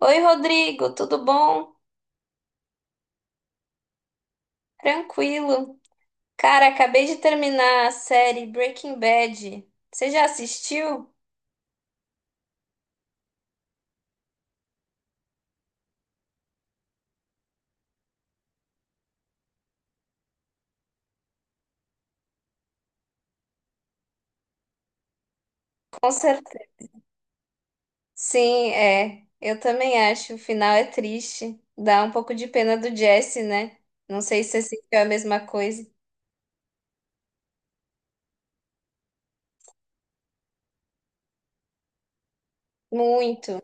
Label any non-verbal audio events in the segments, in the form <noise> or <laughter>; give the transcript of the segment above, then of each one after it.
Oi, Rodrigo, tudo bom? Tranquilo. Cara, acabei de terminar a série Breaking Bad. Você já assistiu? Com certeza. Sim, é. Eu também acho. O final é triste. Dá um pouco de pena do Jesse, né? Não sei se você sentiu a mesma coisa. Muito.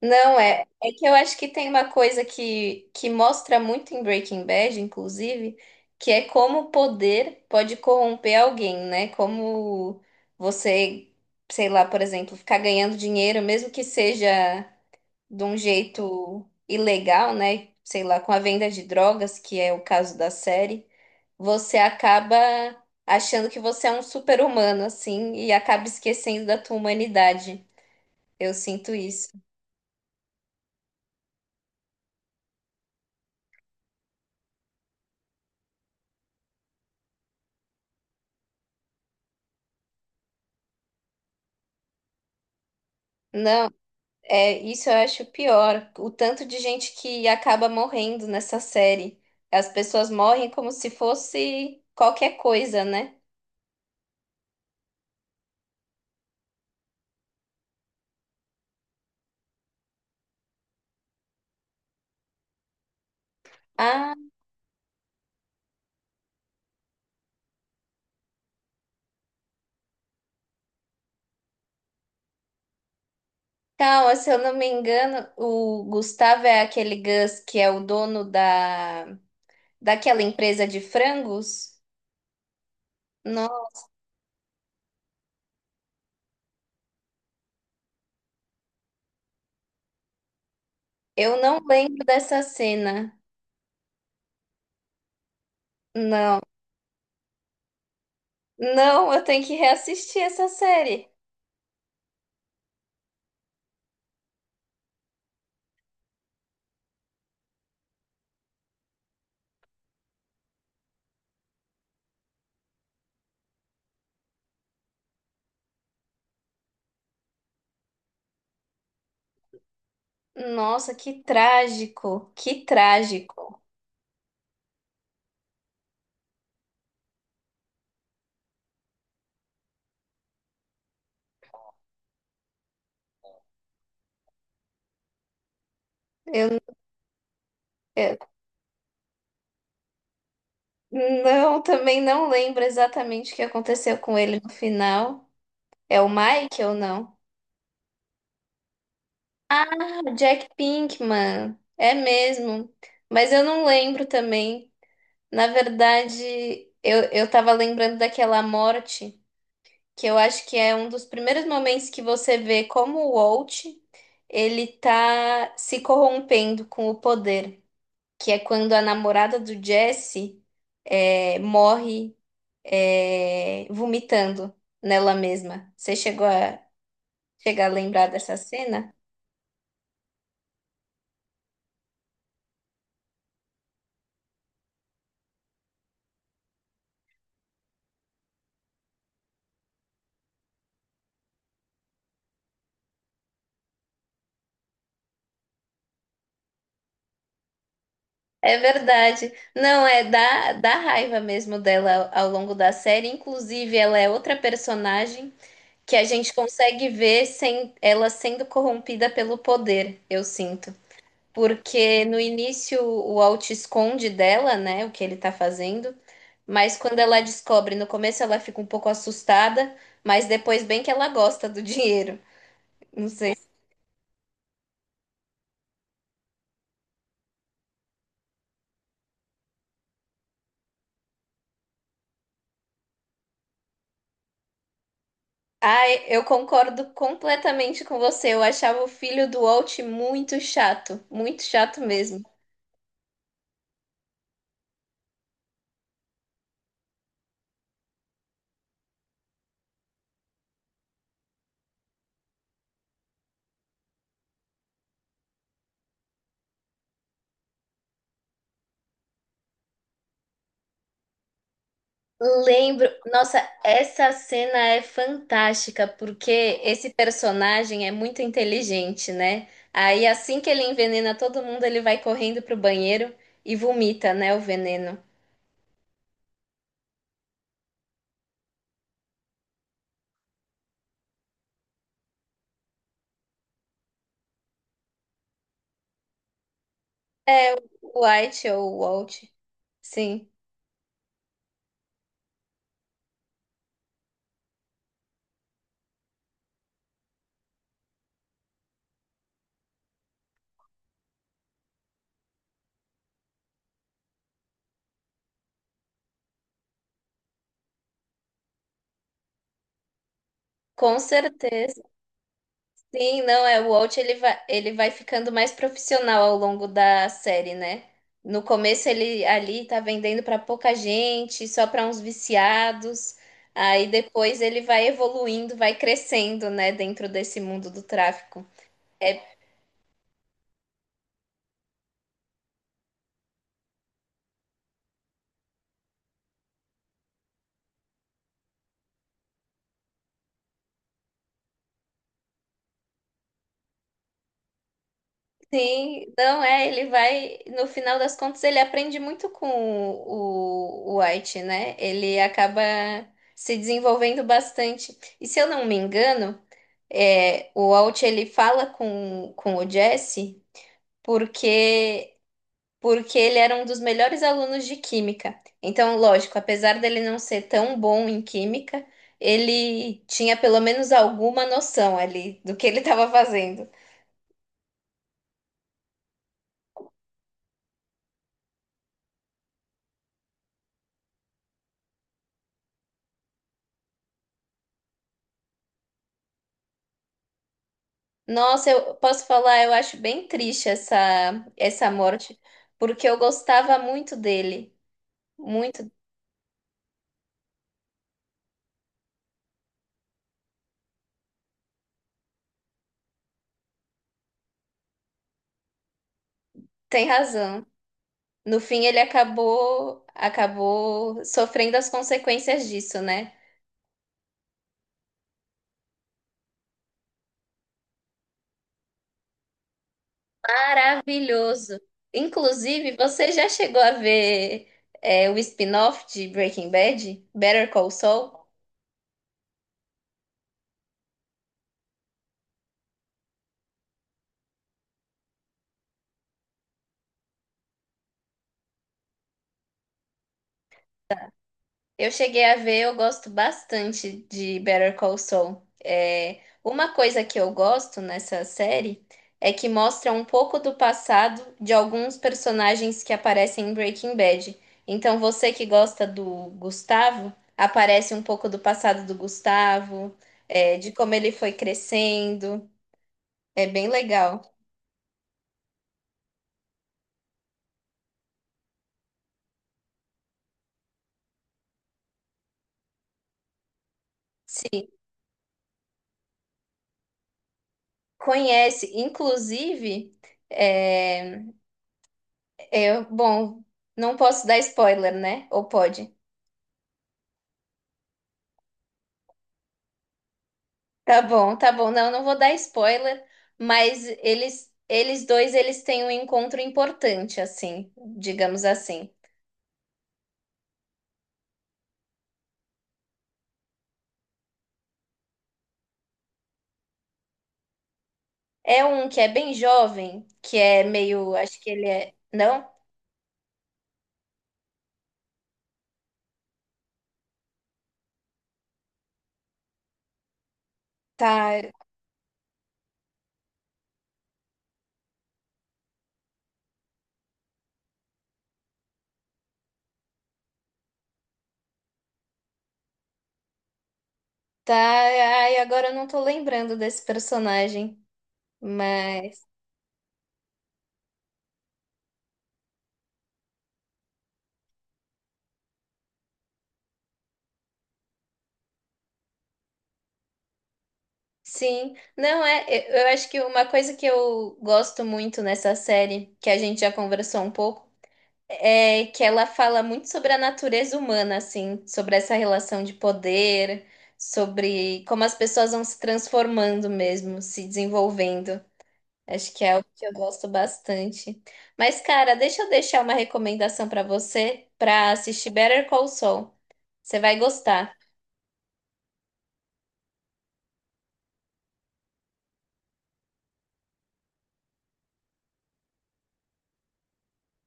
Não, é, é que eu acho que tem uma coisa que mostra muito em Breaking Bad, inclusive, que é como o poder pode corromper alguém, né? Como você, sei lá, por exemplo, ficar ganhando dinheiro, mesmo que seja de um jeito ilegal, né? Sei lá, com a venda de drogas, que é o caso da série, você acaba achando que você é um super-humano, assim, e acaba esquecendo da tua humanidade. Eu sinto isso. Não. É, isso eu acho pior. O tanto de gente que acaba morrendo nessa série. As pessoas morrem como se fosse qualquer coisa, né? Ah, calma, se eu não me engano, o Gustavo é aquele Gus que é o dono da daquela empresa de frangos? Não, eu não lembro dessa cena. Não. Não, eu tenho que reassistir essa série. Nossa, que trágico, que trágico. Eu, eu- Não, também não lembro exatamente o que aconteceu com ele no final. É o Mike ou não? Ah, o Jack Pinkman. É mesmo. Mas eu não lembro também. Na verdade, eu tava lembrando daquela morte, que eu acho que é um dos primeiros momentos que você vê como o Walt, ele tá se corrompendo com o poder. Que é quando a namorada do Jesse é, morre é, vomitando nela mesma. Você chegou a chegar a lembrar dessa cena? É verdade. Não, é da raiva mesmo dela ao longo da série. Inclusive, ela é outra personagem que a gente consegue ver sem ela sendo corrompida pelo poder, eu sinto. Porque no início o Alt esconde dela, né, o que ele tá fazendo. Mas quando ela descobre, no começo ela fica um pouco assustada, mas depois bem que ela gosta do <laughs> dinheiro. Não sei. Ai, eu concordo completamente com você. Eu achava o filho do Walt muito chato mesmo. Lembro, nossa, essa cena é fantástica porque esse personagem é muito inteligente, né? Aí assim que ele envenena todo mundo, ele vai correndo pro banheiro e vomita, né, o veneno. É, o White ou o Walt. Sim, com certeza. Sim, não, é, o Walt ele vai ficando mais profissional ao longo da série, né? No começo ele ali tá vendendo pra pouca gente, só pra uns viciados. Aí depois ele vai evoluindo, vai crescendo, né, dentro desse mundo do tráfico. É, sim, não é, ele vai, no final das contas ele aprende muito com o White, né? Ele acaba se desenvolvendo bastante. E se eu não me engano, é, o Walt ele fala com o Jesse porque porque ele era um dos melhores alunos de química. Então, lógico, apesar dele não ser tão bom em química, ele tinha pelo menos alguma noção ali do que ele estava fazendo. Nossa, eu posso falar, eu acho bem triste essa morte, porque eu gostava muito dele, muito. Tem razão. No fim, ele acabou sofrendo as consequências disso, né? Maravilhoso. Inclusive, você já chegou a ver o spin-off de Breaking Bad, Better Call Saul? Eu cheguei a ver, eu gosto bastante de Better Call Saul. É, uma coisa que eu gosto nessa série é que mostra um pouco do passado de alguns personagens que aparecem em Breaking Bad. Então, você que gosta do Gustavo, aparece um pouco do passado do Gustavo, é, de como ele foi crescendo. É bem legal. Sim, conhece. Inclusive, é, eu, bom, não posso dar spoiler, né? Ou pode? Tá bom, tá bom. Não, não vou dar spoiler, mas eles dois, eles têm um encontro importante, assim, digamos assim. É um que é bem jovem, que é meio, acho que ele é, não? Tá, tá. Ai, agora eu não tô lembrando desse personagem, mas sim, não é. Eu acho que uma coisa que eu gosto muito nessa série, que a gente já conversou um pouco, é que ela fala muito sobre a natureza humana, assim, sobre essa relação de poder, sobre como as pessoas vão se transformando mesmo, se desenvolvendo. Acho que é algo que eu gosto bastante. Mas, cara, deixa eu deixar uma recomendação para você para assistir Better Call Saul. Você vai gostar.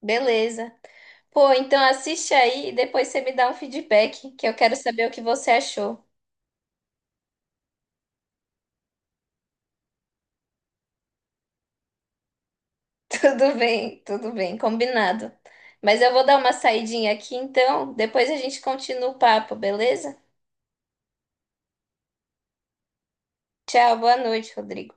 Beleza. Pô, então assiste aí e depois você me dá um feedback, que eu quero saber o que você achou. <laughs> Tudo bem, combinado. Mas eu vou dar uma saidinha aqui, então depois a gente continua o papo, beleza? Tchau, boa noite, Rodrigo.